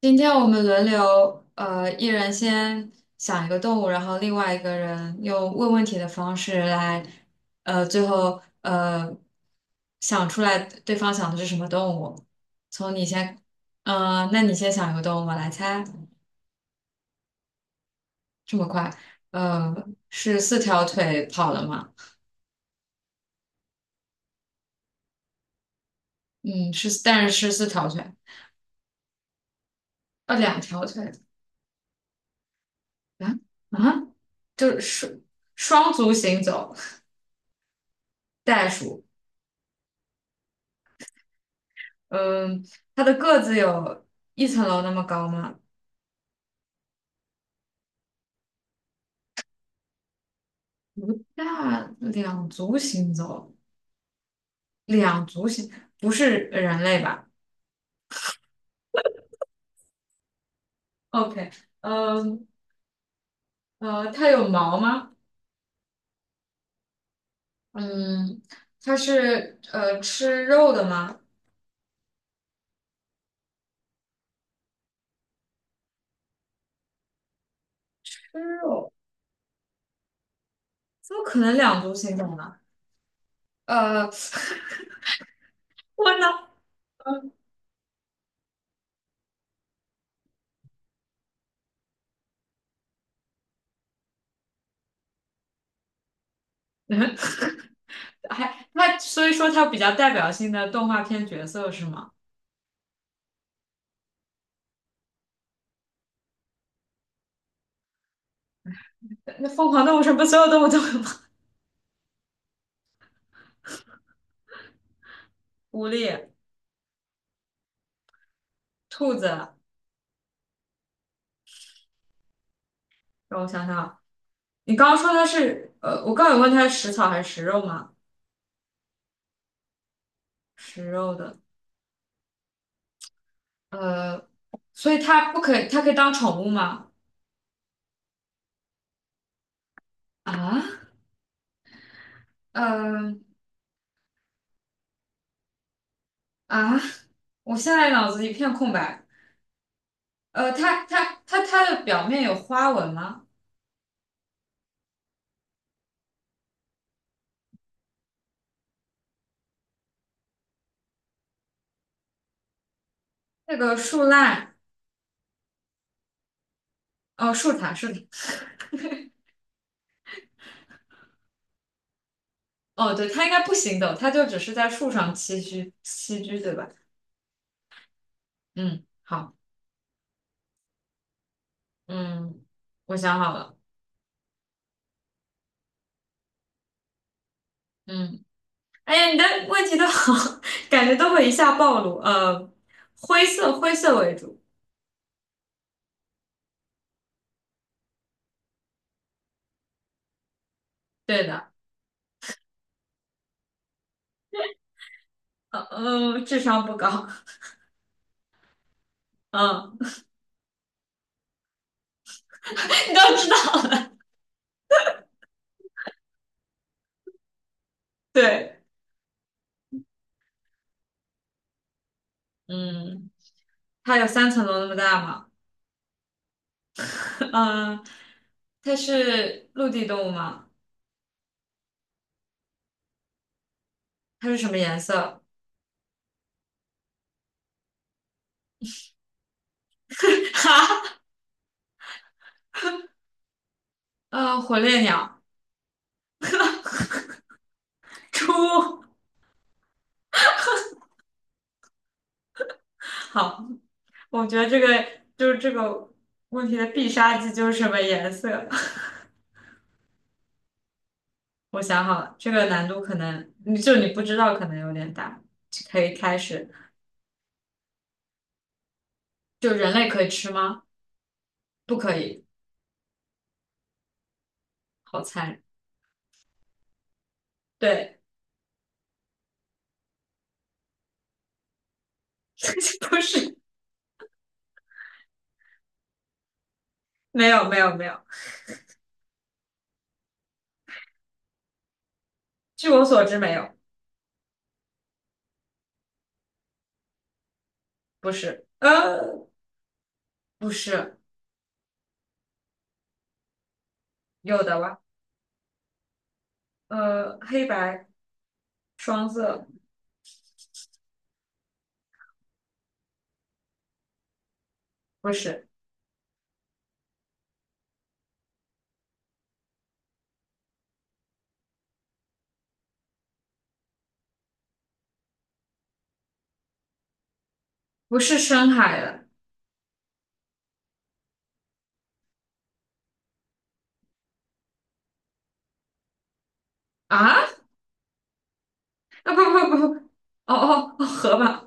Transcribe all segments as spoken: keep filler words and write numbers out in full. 今天我们轮流，呃，一人先想一个动物，然后另外一个人用问问题的方式来，呃，最后呃想出来对方想的是什么动物。从你先，呃，那你先想一个动物，我来猜。这么快？呃，是四条腿跑的吗？嗯，是，但是是四条腿，呃，两条腿啊啊，就是双双足行走，袋鼠。嗯，它的个子有一层楼那么高吗？不大，两足行走，两足行，不是人类吧？OK，嗯呃，它有毛吗？嗯，它是呃吃肉的吗？吃肉，怎么可能两足行走呢？呃，我呢？嗯，还它，所以说它比较代表性的动画片角色是吗？那那疯狂动物城不所有动物都有吗？狐狸、兔子，让我想想。你刚刚说它是呃，我刚刚有问它是食草还是食肉吗？食肉的，呃，所以它不可以，它可以当宠物吗？啊，呃啊，我现在脑子一片空白。呃，它它它它的表面有花纹吗？那个树懒，哦，树懒树懒，哦，对，它应该不行走，它就只是在树上栖居栖居，对吧？嗯，好，嗯，我想好了，嗯。哎呀，你的问题都好，感觉都会一下暴露。呃，灰色灰色为主，对的。呃呃，智商不高。嗯，你都知道了。对，嗯，它有三层楼那么大吗？嗯，它是陆地动物吗？它是什么颜色？哈，呃，火烈鸟，猪。好，我觉得这个就是这个问题的必杀技就是什么颜色。我想好了，这个难度可能你就你不知道，可能有点大，可以开始。就人类可以吃吗？不可以，好残忍。对，不是，没有没有没有，据我所知没有，不是，呃，不是，有的吧？呃，黑白双色，不是，不是深海的啊？啊不不不不，哦哦哦，河马，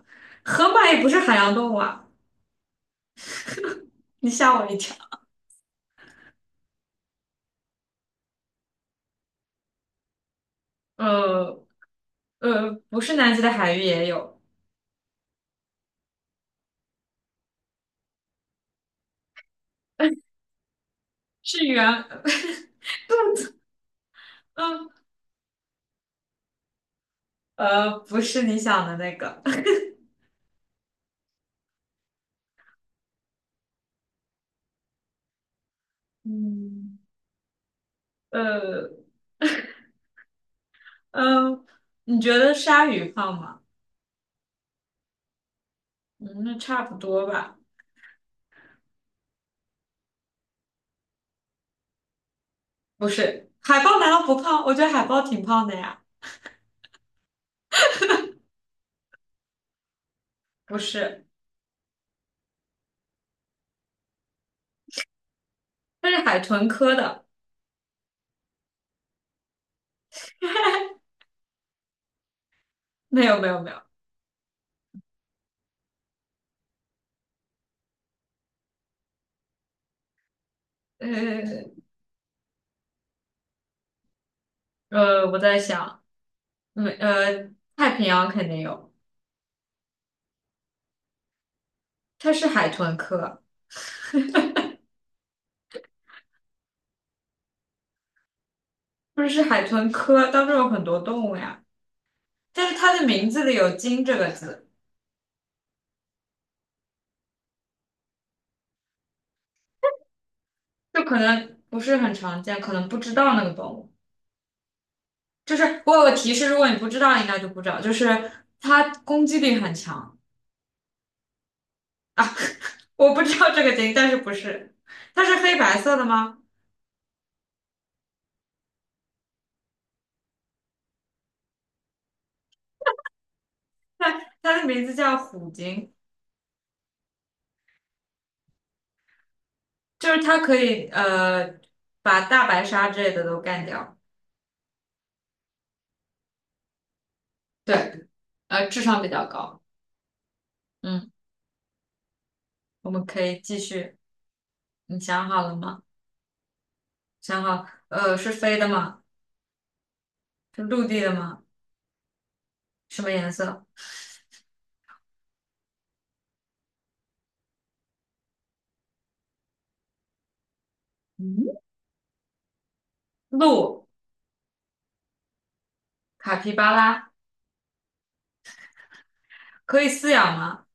河马也不是海洋动物啊，你吓我一跳。呃呃，不是南极的海域也有，是原嗯，呃，不是你想的那个，嗯，呃，嗯，你觉得鲨鱼胖吗？嗯，那差不多吧。不是，海豹难道不胖？我觉得海豹挺胖的呀。不是，它是海豚科的。没有，没有，没有。呃，呃，我在想，没，呃，太平洋肯定有，它是海豚科，不是是海豚科当中有很多动物呀，但是它的名字里有鲸这个字，就可能不是很常见，可能不知道那个动物。就是我有个提示，如果你不知道，应该就不知道。就是它攻击力很强啊，我不知道这个鲸，但是不是，它是黑白色的吗？它的名字叫虎鲸，就是它可以呃把大白鲨之类的都干掉。对，呃，智商比较高。嗯，我们可以继续。你想好了吗？想好，呃，是飞的吗？是陆地的吗？什么颜色？嗯，鹿、卡皮巴拉可以饲养吗？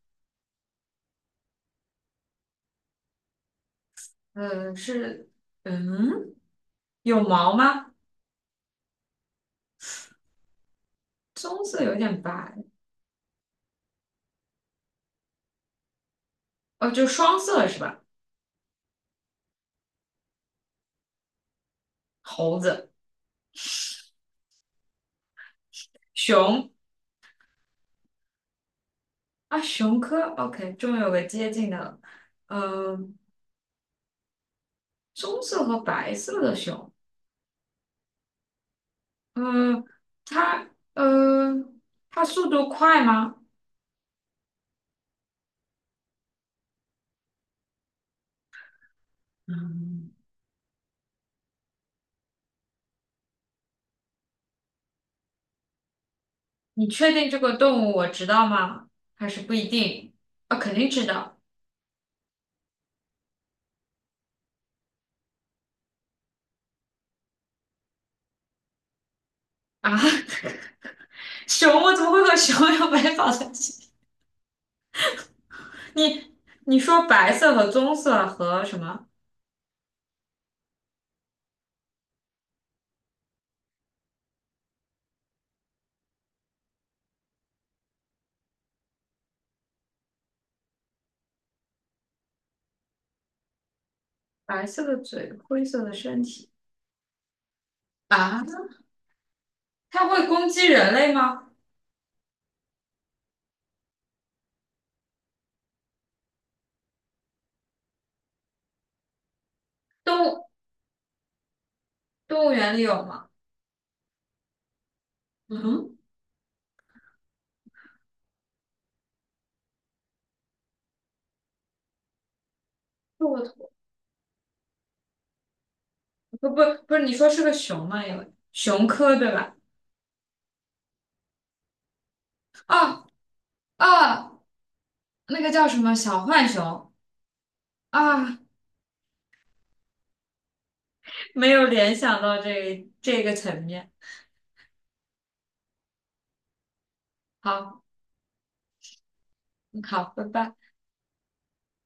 呃，是，嗯。有毛吗？棕色有点白，哦，就双色是吧？猴子、熊啊，熊科，OK，终于有个接近的了。嗯、棕色和白色的熊，嗯、它，呃，它速度快吗？嗯，你确定这个动物我知道吗？还是不一定？啊，肯定知道啊。熊，我怎么会和熊有 白发在一起？你你说白色和棕色和什么？白色的嘴，灰色的身体。啊，它会攻击人类吗？动物动物园里有吗？嗯，骆驼，不不不是，你说是个熊吗？有熊科对吧？啊啊，那个叫什么小浣熊啊，没有联想到这这个层面。好，嗯好，拜拜。